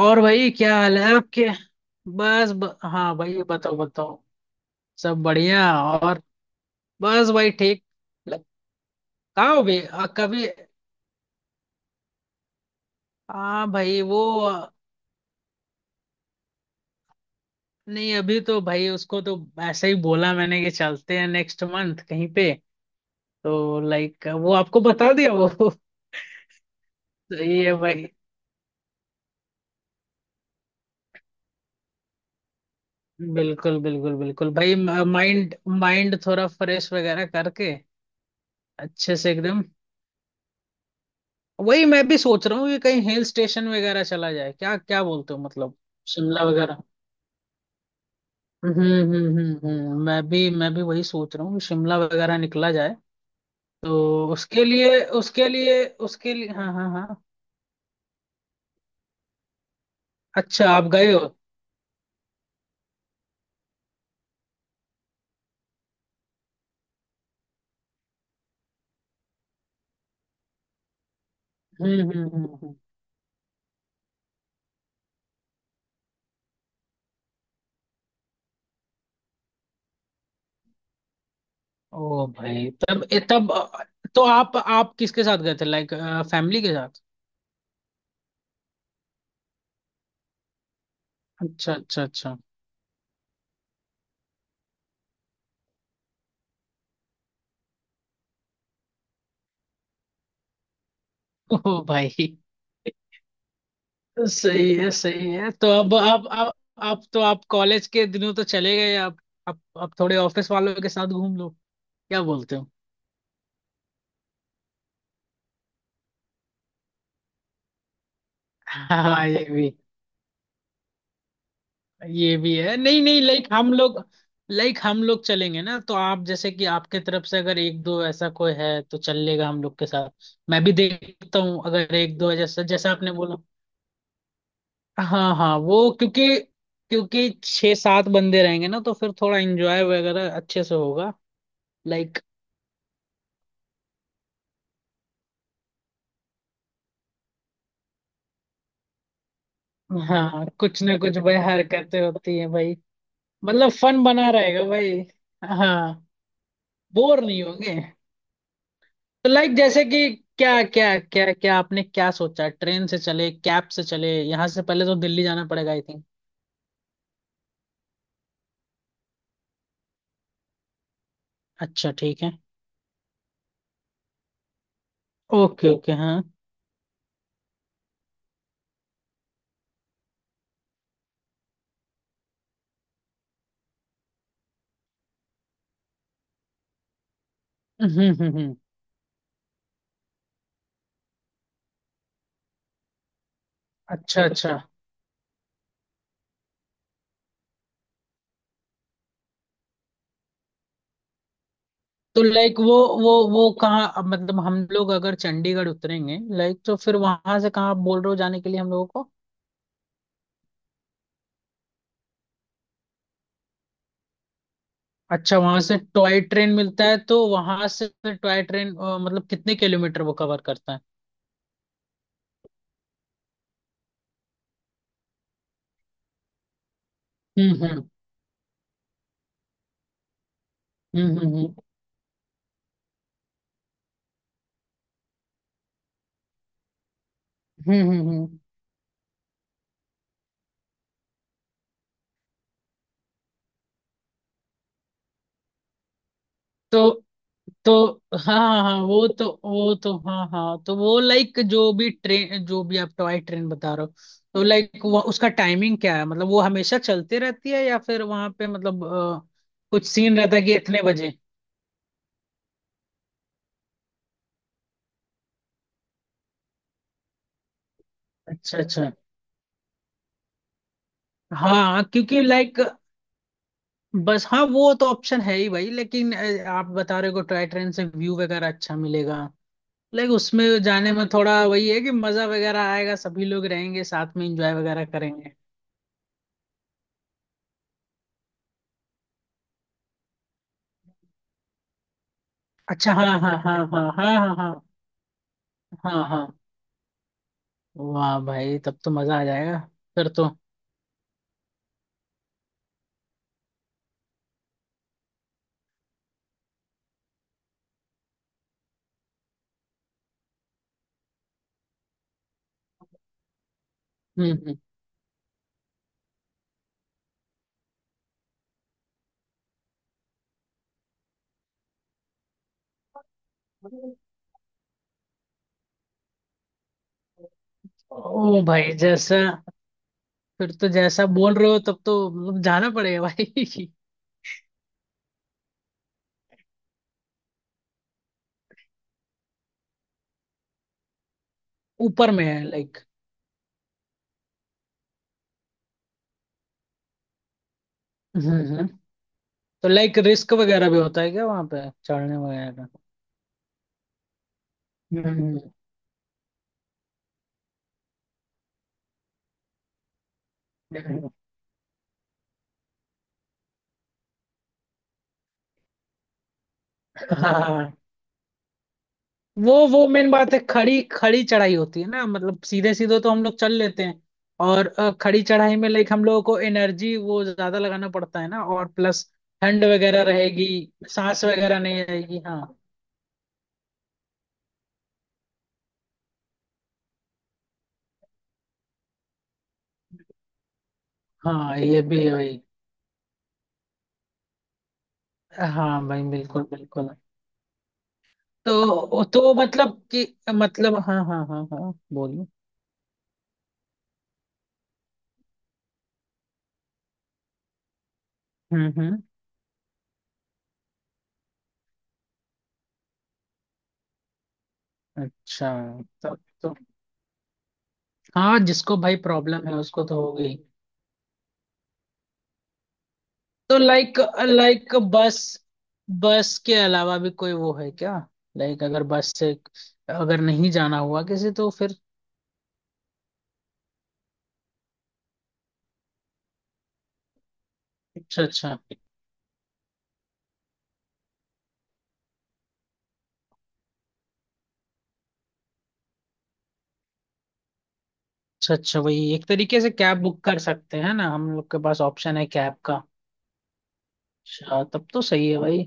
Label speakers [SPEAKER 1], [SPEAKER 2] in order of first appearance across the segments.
[SPEAKER 1] और भाई क्या हाल है आपके? हाँ भाई, बताओ बताओ। सब बढ़िया और। बस भाई ठीक। ल- कहाँ हो भाई? कभी। हाँ भाई वो, आ, नहीं अभी तो भाई उसको तो ऐसे ही बोला मैंने कि चलते हैं नेक्स्ट मंथ कहीं पे। तो लाइक वो आपको बता दिया वो तो ये भाई, बिल्कुल बिल्कुल बिल्कुल भाई। माइंड माइंड थोड़ा फ्रेश वगैरह करके अच्छे से एकदम। वही मैं भी सोच रहा हूँ कि कहीं हिल स्टेशन वगैरह चला जाए, क्या क्या बोलते हो मतलब। शिमला वगैरह। मैं भी वही सोच रहा हूँ कि शिमला वगैरह निकला जाए। तो उसके लिए हाँ हाँ हाँ। अच्छा आप गए हो? हम्म हम्म हम्म हम्म। ओ भाई, तब तो आप किसके साथ गए थे लाइक? फैमिली के साथ? अच्छा अच्छा अच्छा। ओ भाई। सही है सही है, तो अब तो आप कॉलेज के दिनों तो चले गए। अब थोड़े ऑफिस वालों के साथ घूम लो, क्या बोलते हो? हाँ ये भी। ये भी है। नहीं नहीं, लाइक हम लोग, लाइक हम लोग चलेंगे ना, तो आप जैसे कि आपके तरफ से अगर एक दो ऐसा कोई है तो चल लेगा हम लोग के साथ। मैं भी देखता हूँ अगर एक दो है, जैसे जैसे आपने बोला। हाँ हाँ वो, क्योंकि क्योंकि छह सात बंदे रहेंगे ना तो फिर थोड़ा एंजॉय वगैरह अच्छे से होगा। लाइक। हाँ कुछ ना कुछ भाई हरकतें होती है भाई। मतलब फन बना रहेगा भाई। हाँ। बोर नहीं होंगे। तो लाइक जैसे कि, क्या क्या आपने क्या सोचा, ट्रेन से चले कैब से चले, यहाँ से पहले तो दिल्ली जाना पड़ेगा आई थिंक? अच्छा ठीक है। ओके ओके हाँ। हम्म। अच्छा अच्छा। तो लाइक वो, वो कहाँ अब, मतलब हम लोग अगर चंडीगढ़ उतरेंगे लाइक तो फिर वहां से कहाँ आप बोल रहे हो जाने के लिए हम लोगों को? अच्छा वहां से टॉय ट्रेन मिलता है? तो वहां से फिर टॉय ट्रेन मतलब कितने किलोमीटर वो कवर करता है? हम्म हम्म हम्म हम्म हम्म हम्म, हम्म। तो तो हाँ हाँ हाँ, वो तो हाँ हाँ, तो वो लाइक जो भी ट्रेन, जो भी आप टॉय ट्रेन बता रहे हो, तो लाइक वो उसका टाइमिंग क्या है? मतलब वो हमेशा चलती रहती है, या फिर वहां पे मतलब कुछ सीन रहता है कि इतने बजे? अच्छा अच्छा। हाँ क्योंकि लाइक, बस हाँ वो तो ऑप्शन है ही भाई, लेकिन आप बता रहे हो टॉय ट्रेन से व्यू वगैरह अच्छा मिलेगा। लाइक उसमें जाने में थोड़ा वही है कि मजा वगैरह आएगा, सभी लोग रहेंगे साथ में, एंजॉय वगैरह करेंगे। अच्छा हाँ हाँ हाँ हाँ हाँ हाँ हाँ हाँ हाँ। वाह भाई, तब तो मजा आ जाएगा फिर तो। हम्म हम्म। ओ भाई जैसा, फिर तो जैसा बोल रहे हो तब तो मतलब जाना पड़ेगा भाई। ऊपर में है लाइक। हम्म हम्म। तो लाइक रिस्क वगैरह भी होता है क्या वहां पे चढ़ने वगैरह का? हम्म हम्म। हाँ वो मेन बात है, खड़ी खड़ी चढ़ाई होती है ना, मतलब सीधे सीधे तो हम लोग चल लेते हैं। और खड़ी चढ़ाई में लाइक हम लोगों को एनर्जी वो ज्यादा लगाना पड़ता है ना, और प्लस ठंड वगैरह रहेगी, सांस वगैरह नहीं आएगी हाँ। हाँ ये भी है भाई। हाँ भाई बिल्कुल बिल्कुल। तो मतलब कि, मतलब हाँ हाँ हाँ हाँ बोलिए। हम्म। अच्छा तब तो। हाँ जिसको भाई प्रॉब्लम है उसको तो होगी। तो लाइक, लाइक बस, बस के अलावा भी कोई वो है क्या, लाइक अगर बस से, अगर नहीं जाना हुआ किसी तो फिर? अच्छा अच्छा अच्छा। अच्छा वही एक तरीके से कैब बुक कर सकते हैं ना, हम लोग के पास ऑप्शन है कैब का। अच्छा तब तो सही है भाई।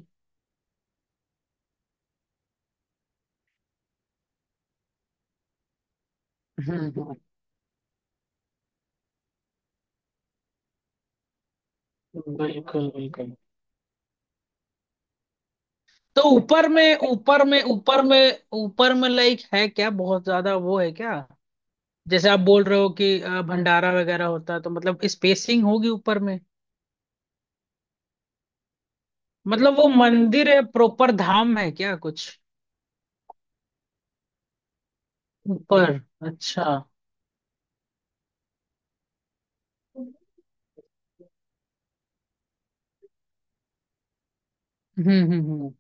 [SPEAKER 1] हम्म बिल्कुल बिल्कुल। तो ऊपर में लाइक है क्या बहुत ज्यादा वो है क्या? जैसे आप बोल रहे हो कि भंडारा वगैरह होता है, तो मतलब स्पेसिंग होगी ऊपर में? मतलब वो मंदिर है, प्रॉपर धाम है क्या कुछ ऊपर? अच्छा। हम्म।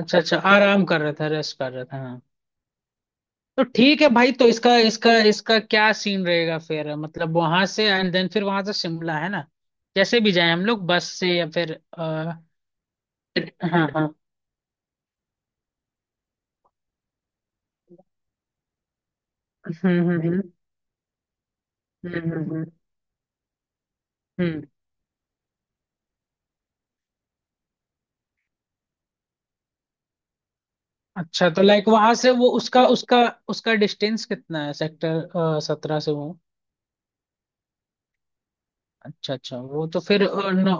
[SPEAKER 1] अच्छा अच्छा, आराम कर रहा था, रेस्ट कर रहा था हाँ। तो ठीक है भाई, तो इसका इसका इसका क्या सीन रहेगा फिर, मतलब वहां से एंड देन फिर वहां से शिमला है ना? कैसे भी जाए हम लोग, बस से या फिर, अ, हाँ हाँ। हम्म हम्म हम्म हम्म हम्म हम्म, हम्म। अच्छा तो लाइक वहां से वो उसका उसका उसका डिस्टेंस कितना है सेक्टर 17 से वो? अच्छा अच्छा, वो तो फिर नौ।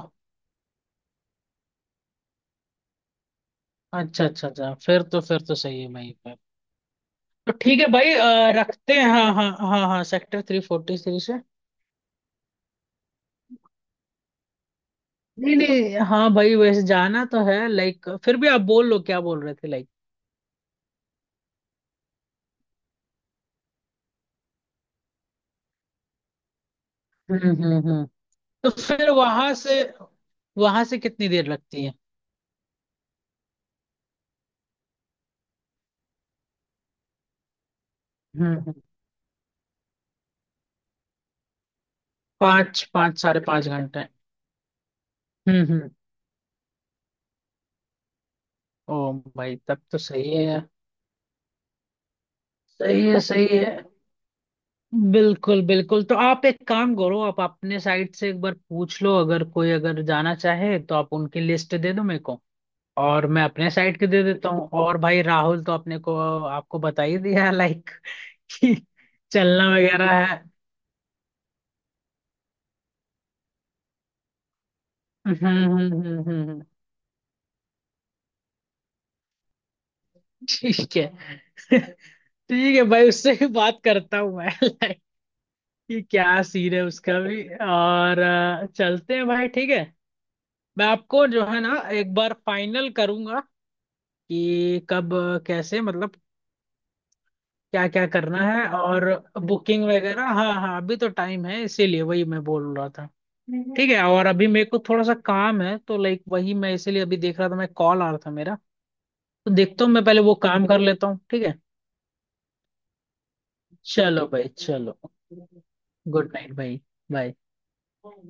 [SPEAKER 1] अच्छा अच्छा अच्छा, फिर तो सही है भाई पर। तो ठीक है भाई, रखते हैं हाँ हाँ हाँ हाँ, सेक्टर थ्री 43 से। नहीं नहीं, हाँ भाई वैसे जाना तो है लाइक, फिर भी आप बोल लो, क्या बोल रहे थे लाइक? हम्म। तो फिर वहां से, वहां से कितनी देर लगती है? हम्म, पाँच पाँच 5.5 घंटे। हम्म। ओ भाई तब तो सही है यार। सही है सही है, बिल्कुल बिल्कुल। तो आप एक काम करो, आप अपने साइड से एक बार पूछ लो, अगर कोई अगर जाना चाहे तो आप उनकी लिस्ट दे दो मेरे को, और मैं अपने साइड की दे देता हूँ। और भाई राहुल तो अपने को आपको बता ही दिया लाइक कि चलना वगैरह है। हम्म हम्म हम्म हम्म, हम्म। ठीक है। ठीक है भाई, उससे भी बात करता हूँ मैं लाइक कि क्या सीन है उसका भी। और चलते हैं भाई ठीक है। मैं आपको जो है ना एक बार फाइनल करूंगा, कि कब कैसे, मतलब क्या क्या करना है और बुकिंग वगैरह। हाँ हाँ, अभी तो टाइम है, इसीलिए वही मैं बोल रहा था। ठीक है, और अभी मेरे को थोड़ा सा काम है, तो लाइक वही मैं इसीलिए अभी देख रहा था, मैं कॉल आ रहा था मेरा। तो देखता हूँ मैं पहले वो काम कर लेता हूँ, ठीक है। चलो भाई चलो। गुड नाइट भाई। बाय।